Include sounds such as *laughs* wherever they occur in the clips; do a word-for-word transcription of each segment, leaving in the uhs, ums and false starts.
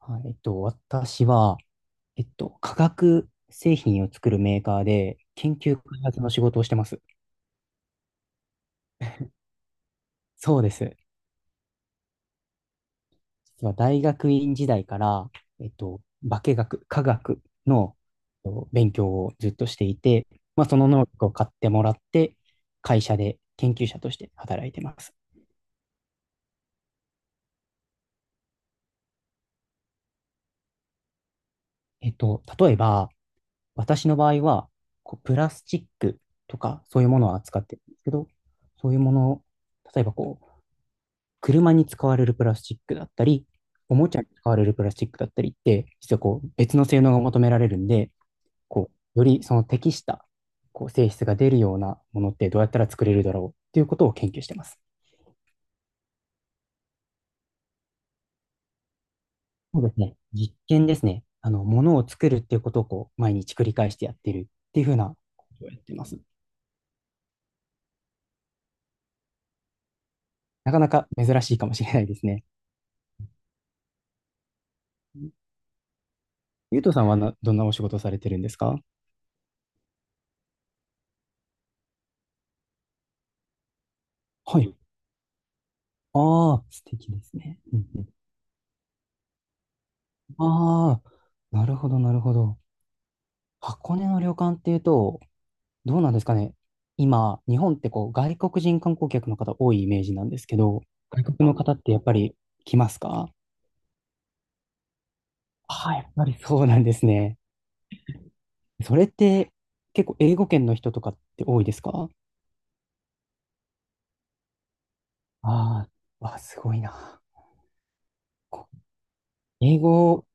はい、えっと、私は、えっと、化学製品を作るメーカーで研究開発の仕事をしてます。そうです。実は大学院時代から、えっと、化学、化学のえっと勉強をずっとしていて、まあ、その能力を買ってもらって、会社で研究者として働いてます。えっと、例えば、私の場合は、こう、プラスチックとか、そういうものを扱ってるんですけど、そういうものを、例えばこう、車に使われるプラスチックだったり、おもちゃに使われるプラスチックだったりって、実はこう別の性能が求められるんで、こうよりその適したこう性質が出るようなものってどうやったら作れるだろうっていうことを研究してます。そうですね。実験ですね。あの、ものを作るっていうことをこう毎日繰り返してやってるっていうふうなことをやってます。なかなか珍しいかもしれないですね。ゆうとさんはなどんなお仕事をされてるんですか？はい。ああ、素敵ですね。うんうん。ああ、なるほど、なるほど。箱根の旅館っていうと、どうなんですかね。今、日本ってこう外国人観光客の方多いイメージなんですけど、外国の方ってやっぱり来ますか？ああ、やっぱりそうなんですね。それって結構英語圏の人とかって多いですか？ああ、わ、すごいな。こう英語を、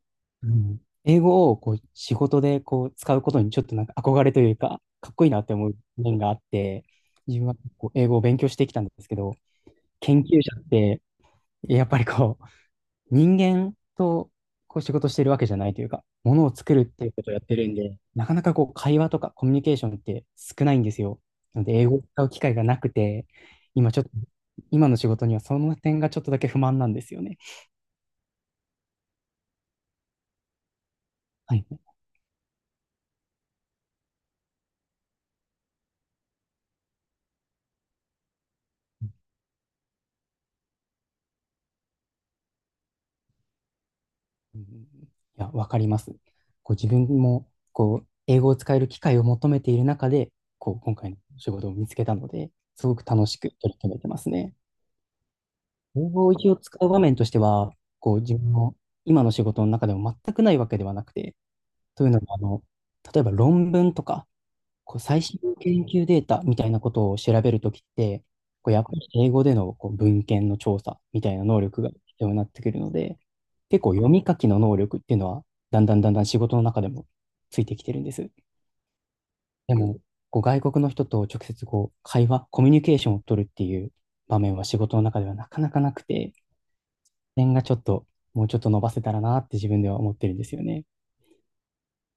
うん、英語をこう仕事でこう使うことにちょっとなんか憧れというか、かっこいいなって思う面があって、自分はこう英語を勉強してきたんですけど、研究者ってやっぱりこう、人間とこう仕事してるわけじゃないというか、ものを作るっていうことをやってるんで、なかなかこう、会話とかコミュニケーションって少ないんですよ。なので、英語を使う機会がなくて、今ちょっと、今の仕事にはその点がちょっとだけ不満なんですよね。はい。うん。いや、わかります。こう、自分も、こう、英語を使える機会を求めている中で、こう、今回の仕事を見つけたので、すごく楽しく取り組めてますね。領域を使う場面としては、こう、自分の今の仕事の中でも全くないわけではなくて、というのも、あの、例えば論文とか、こう最新の研究データみたいなことを調べるときって、こうやっぱり英語でのこう文献の調査みたいな能力が必要になってくるので、結構読み書きの能力っていうのは、だんだんだんだん仕事の中でもついてきてるんです。でも、こう外国の人と直接こう会話、コミュニケーションを取るっていう場面は仕事の中ではなかなかなくて、点がちょっと、もうちょっと伸ばせたらなって自分では思ってるんですよね。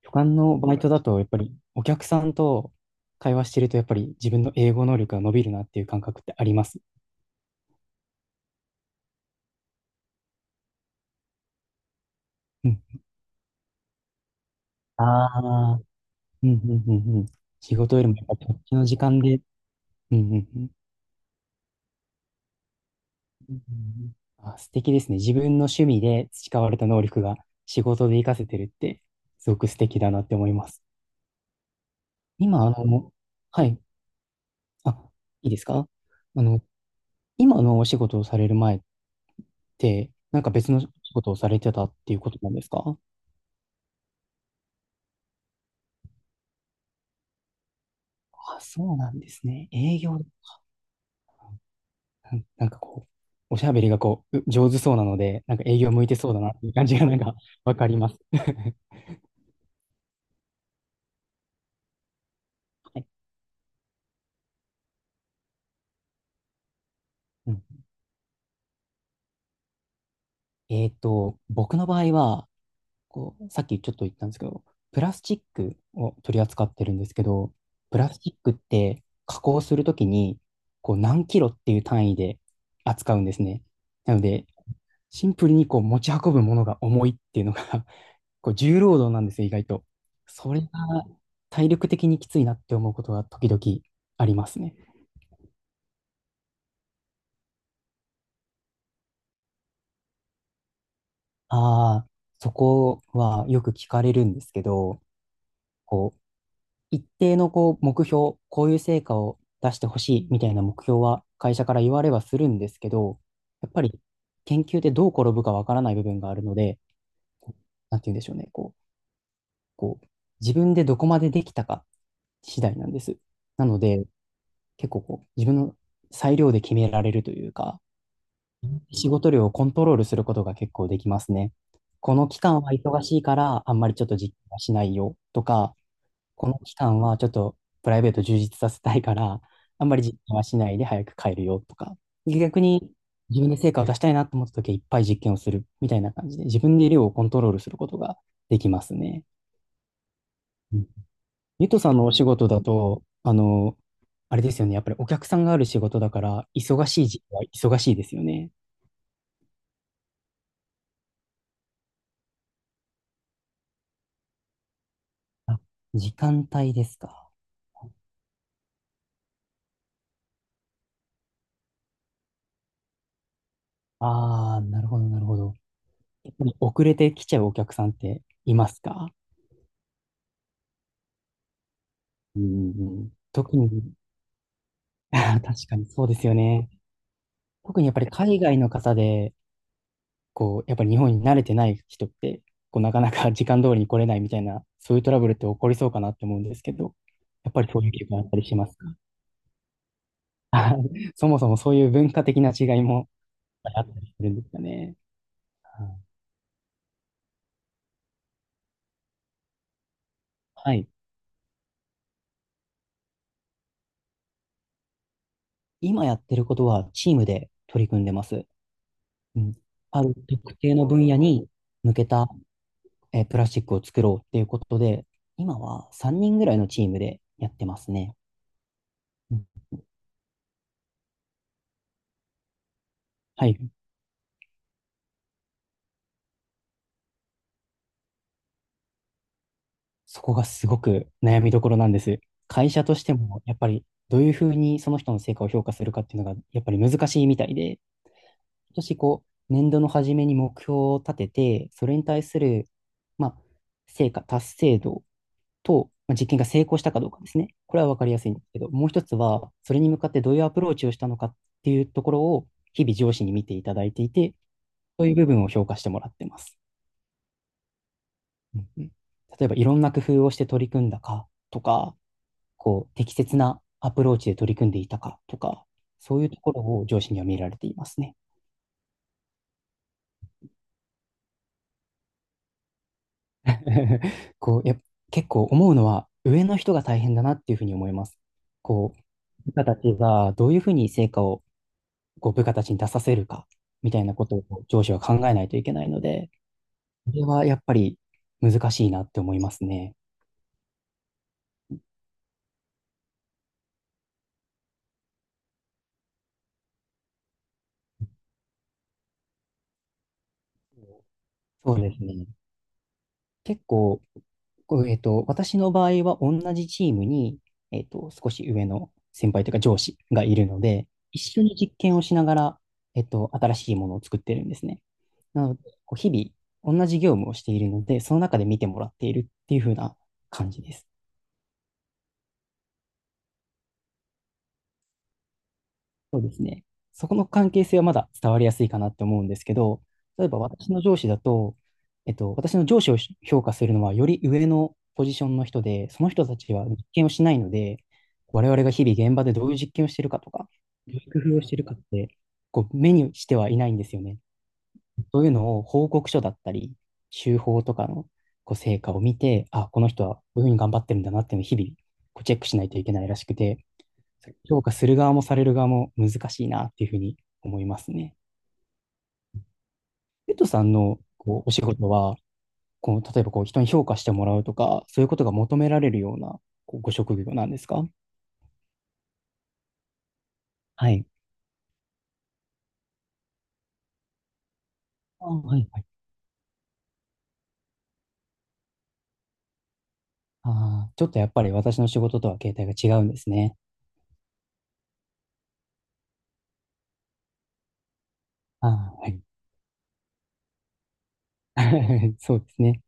旅館のバイトだと、やっぱりお客さんと会話してると、やっぱり自分の英語能力が伸びるなっていう感覚ってあります。うん。ああ、うんうんうんうん。仕事よりもやっぱこっちの時間で、うんうんうん。うんうんうん。あ、素敵ですね。自分の趣味で培われた能力が仕事で活かせてるって、すごく素敵だなって思います。今、あの、はい。あ、いいですか？あの、今のお仕事をされる前っなんか別の仕事をされてたっていうことなんですか？あ、そうなんですね。営業、なんなんかこう、おしゃべりがこう、う上手そうなので、なんか営業向いてそうだなっていう感じがなんか *laughs* わかります。*laughs* はい。うん。えっと、僕の場合は、こう、さっきちょっと言ったんですけど、プラスチックを取り扱ってるんですけど、プラスチックって加工するときに、こう何キロっていう単位で扱うんですね。なので、シンプルにこう持ち運ぶものが重いっていうのが *laughs* こう重労働なんですよ、意外と。それが体力的にきついなって思うことが時々ありますね。ああ、そこはよく聞かれるんですけど、こう、一定のこう目標、こういう成果を出してほしいみたいな目標は会社から言われはするんですけど、やっぱり研究でどう転ぶかわからない部分があるので、こうなんて言うんでしょうね、こう、こう、自分でどこまでできたか次第なんです。なので、結構こう、自分の裁量で決められるというか、仕事量をコントロールすることが結構できますね。この期間は忙しいから、あんまりちょっと実験はしないよとか、この期間はちょっとプライベート充実させたいから、あんまり実験はしないで早く帰るよとか、逆に自分で成果を出したいなと思った時はいっぱい実験をするみたいな感じで、自分で量をコントロールすることができますね。うん。ゆとさんのお仕事だと、あの、あれですよね。やっぱりお客さんがある仕事だから、忙しい時期は忙しいですよね。あ、時間帯ですか？ああ、なるほど、なるほど。やっぱり遅れてきちゃうお客さんっていますか？うんうんうん。特に、*laughs* あー確かにそうですよね。特にやっぱり海外の方で、こう、やっぱり日本に慣れてない人って、こう、なかなか *laughs* 時間通りに来れないみたいな、そういうトラブルって起こりそうかなって思うんですけど、やっぱりそういう気があったりしますか？そもそもそういう文化的な違いもあったりするんですよね。うん。はい。今やってることはチームで取り組んでます。うん。ある特定の分野に向けた、えープラスチックを作ろうっていうことで、今はさんにんぐらいのチームでやってますね。うん。はい。そこがすごく悩みどころなんです。会社としても、やっぱりどういうふうにその人の成果を評価するかっていうのが、やっぱり難しいみたいで、今年こう、年度の初めに目標を立てて、それに対する、まあ、成果、達成度と、まあ、実験が成功したかどうかですね。これは分かりやすいんですけど、もう一つは、それに向かってどういうアプローチをしたのかっていうところを、日々上司に見ていただいていて、そういう部分を評価してもらってます。うんうん、例えば、いろんな工夫をして取り組んだかとか、こう、適切なアプローチで取り組んでいたかとか、そういうところを上司には見られていますね。*laughs* こう、やっぱ、結構思うのは上の人が大変だなっていうふうに思います。こう、部下たちがどういうふうに成果をこう部下たちに出させるかみたいなことをこう上司は考えないといけないので、これはやっぱり難しいなって思いますね。そうですね。結構こうえっと、私の場合は同じチームに、えっと、少し上の先輩というか上司がいるので、一緒に実験をしながら、えっと、新しいものを作ってるんですね。なので、こう日々同じ業務をしているので、その中で見てもらっているっていう風な感じです。そうですね。そこの関係性はまだ伝わりやすいかなって思うんですけど、例えば私の上司だと、えっと、私の上司を評価するのはより上のポジションの人で、その人たちは実験をしないので、我々が日々現場でどういう実験をしているかとか、どういう工夫をしているかって、こう目にしてはいないんですよね。そういうのを報告書だったり、週報とかのこう成果を見て、あ、この人はこういうふうに頑張ってるんだなっていうのを日々こうチェックしないといけないらしくて、評価する側もされる側も難しいなっていうふうに思いますね。ペットさんのこうお仕事は、こう例えばこう人に評価してもらうとか、そういうことが求められるようなこうご職業なんですか？はい。あ、はいはい。ああ、ちょっとやっぱり私の仕事とは形態が違うんですね。ああ、はい。*laughs* そうですね。